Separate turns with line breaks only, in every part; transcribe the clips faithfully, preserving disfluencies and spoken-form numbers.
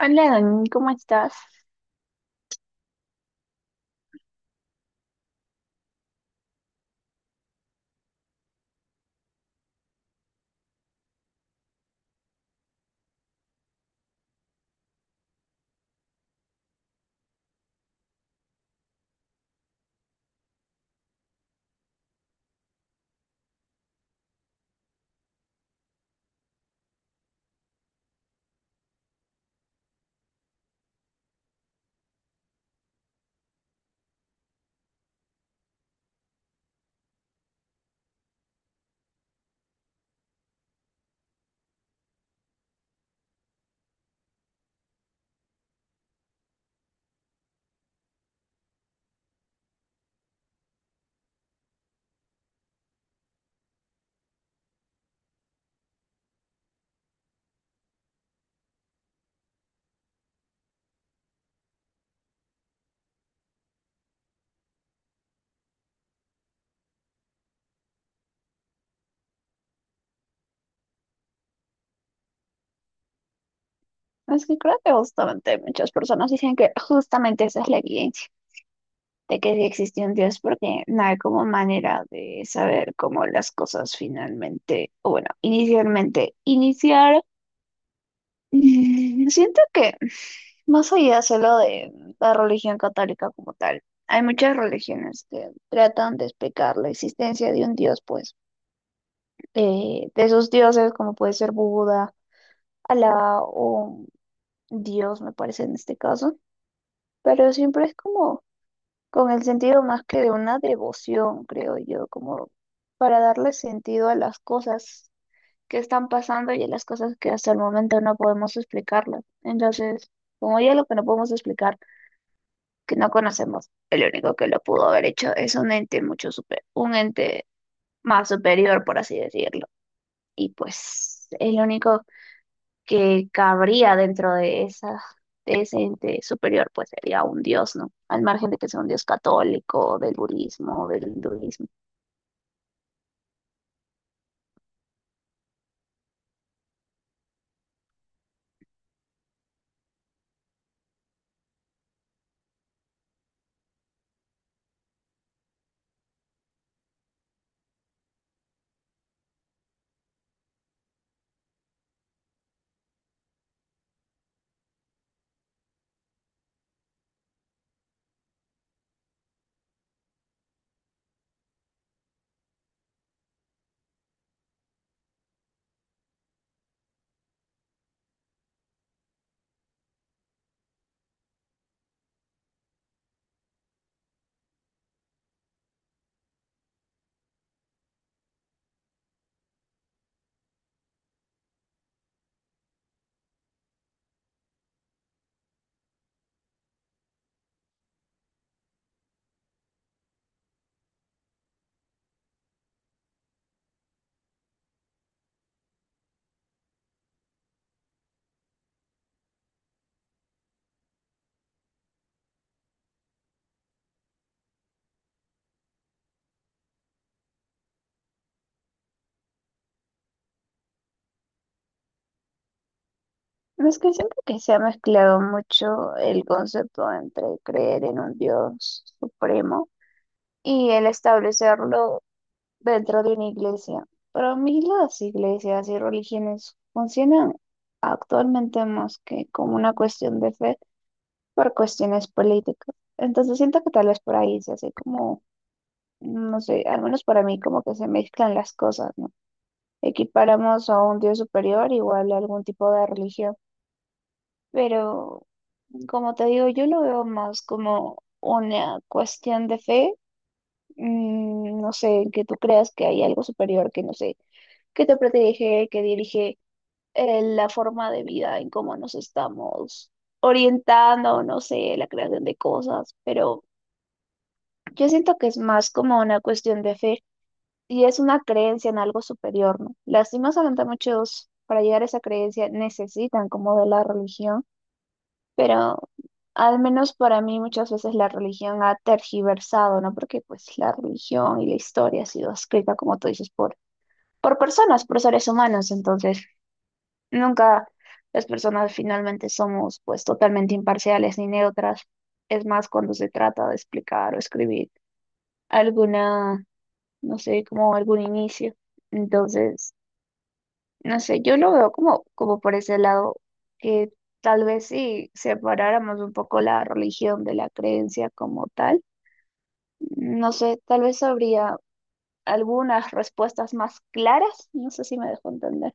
Hola, Dani, ¿cómo estás? Es que creo que justamente muchas personas dicen que justamente esa es la evidencia de que sí existe un Dios, porque no hay como manera de saber cómo las cosas finalmente, o bueno, inicialmente, iniciar. Mm, Siento que más allá solo de la religión católica como tal, hay muchas religiones que tratan de explicar la existencia de un Dios, pues, eh, de esos dioses como puede ser Buda, Alá o Dios, me parece en este caso, pero siempre es como con el sentido más que de una devoción, creo yo, como para darle sentido a las cosas que están pasando y a las cosas que hasta el momento no podemos explicarlas. Entonces, como ya lo que no podemos explicar, que no conocemos, el único que lo pudo haber hecho es un ente mucho super, un ente más superior, por así decirlo. Y pues el único que cabría dentro de esa, de ese ente superior, pues sería un dios, ¿no? Al margen de que sea un dios católico, del budismo, del hinduismo. No es que siempre que se ha mezclado mucho el concepto entre creer en un dios supremo y el establecerlo dentro de una iglesia. Para mí las iglesias y religiones funcionan actualmente más que como una cuestión de fe por cuestiones políticas. Entonces siento que tal vez por ahí se hace como no sé, al menos para mí como que se mezclan las cosas, ¿no? Equiparamos a un Dios superior igual a algún tipo de religión, pero como te digo, yo lo veo más como una cuestión de fe, mm, no sé, que tú creas que hay algo superior, que no sé, que te protege, que dirige eh, la forma de vida en cómo nos estamos orientando, no sé, la creación de cosas, pero yo siento que es más como una cuestión de fe y es una creencia en algo superior, ¿no? Lastimosamente muchos para llegar a esa creencia necesitan como de la religión, pero al menos para mí muchas veces la religión ha tergiversado, ¿no? Porque pues la religión y la historia ha sido escrita, como tú dices, por, por personas, por seres humanos, entonces nunca las personas finalmente somos pues totalmente imparciales ni neutras. Es más cuando se trata de explicar o escribir alguna, no sé, como algún inicio. Entonces, no sé, yo lo veo como, como por ese lado, que tal vez si separáramos un poco la religión de la creencia como tal, no sé, tal vez habría algunas respuestas más claras, no sé si me dejo entender.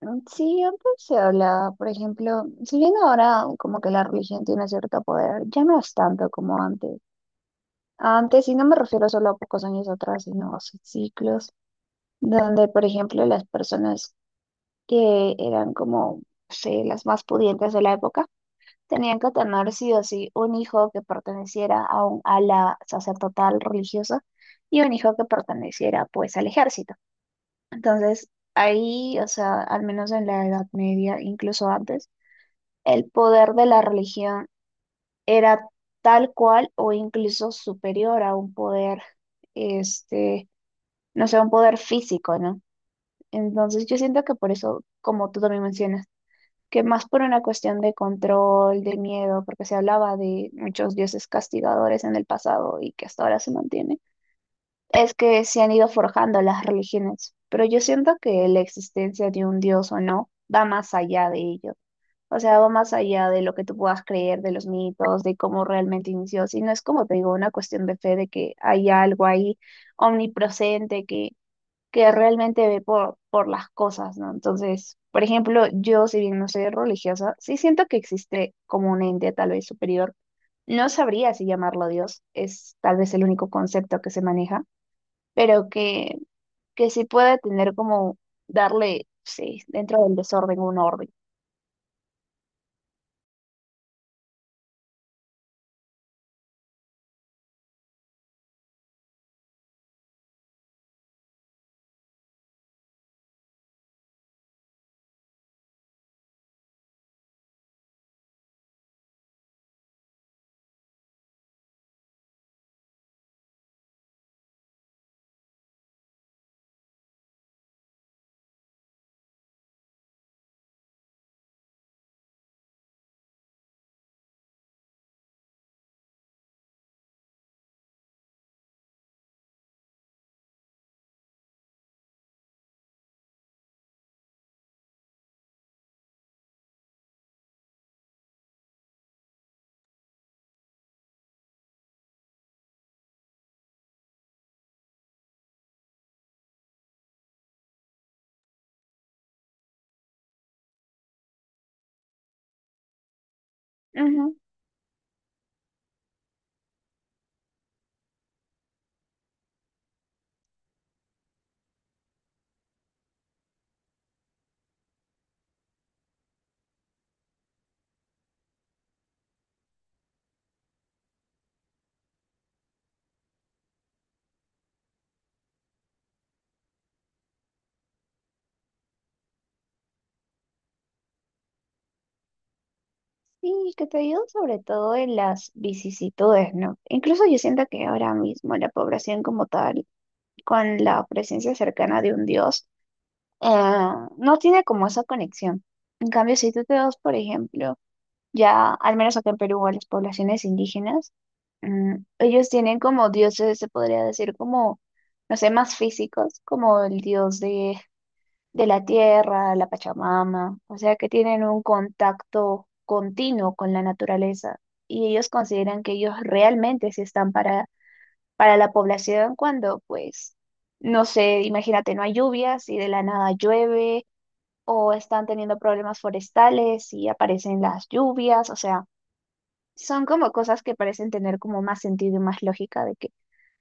Mm. Sí, antes se hablaba, por ejemplo, si bien ahora como que la religión tiene cierto poder, ya no es tanto como antes. Antes, y no me refiero solo a pocos años atrás, sino a ciclos, donde, por ejemplo, las personas que eran como, no sé, las más pudientes de la época, tenían que tener sí o sí un hijo que perteneciera a un ala sacerdotal religiosa y un hijo que perteneciera pues al ejército. Entonces, ahí, o sea, al menos en la Edad Media, incluso antes, el poder de la religión era tal cual o incluso superior a un poder, este, no sé, un poder físico, ¿no? Entonces, yo siento que por eso, como tú también mencionas, que más por una cuestión de control, de miedo, porque se hablaba de muchos dioses castigadores en el pasado y que hasta ahora se mantiene, es que se han ido forjando las religiones. Pero yo siento que la existencia de un dios o no va más allá de ello. O sea, va más allá de lo que tú puedas creer, de los mitos, de cómo realmente inició, sino es como te digo, una cuestión de fe de que hay algo ahí omnipresente que que realmente ve por, por las cosas, ¿no? Entonces, por ejemplo, yo, si bien no soy religiosa, sí siento que existe como un ente tal vez superior. No sabría si llamarlo Dios, es tal vez el único concepto que se maneja, pero que, que sí puede tener como darle, sí, dentro del desorden un orden. Ujú. Sí, que te ayuda sobre todo en las vicisitudes, ¿no? Incluso yo siento que ahora mismo la población como tal, con la presencia cercana de un Dios, eh, no tiene como esa conexión. En cambio, si tú te vas, por ejemplo, ya, al menos acá en Perú, a las poblaciones indígenas, mm, ellos tienen como dioses, se podría decir, como, no sé, más físicos, como el dios de, de la tierra, la Pachamama, o sea, que tienen un contacto continuo con la naturaleza y ellos consideran que ellos realmente sí están para, para la población cuando, pues, no sé, imagínate, no hay lluvias y de la nada llueve o están teniendo problemas forestales y aparecen las lluvias, o sea, son como cosas que parecen tener como más sentido y más lógica de que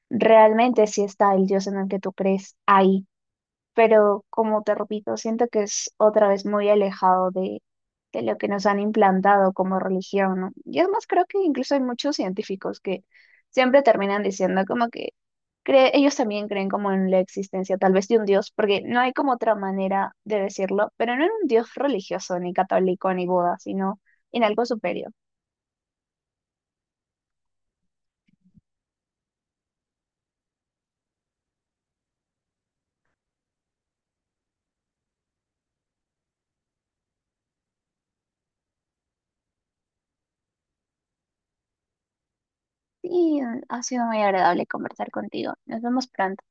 realmente sí está el dios en el que tú crees ahí, pero como te repito, siento que es otra vez muy alejado de, de lo que nos han implantado como religión, ¿no? Y es más, creo que incluso hay muchos científicos que siempre terminan diciendo como que cree- ellos también creen como en la existencia tal vez de un Dios, porque no hay como otra manera de decirlo, pero no en un Dios religioso, ni católico, ni Buda, sino en algo superior. Y mm, ha sido muy agradable conversar contigo. Nos vemos pronto.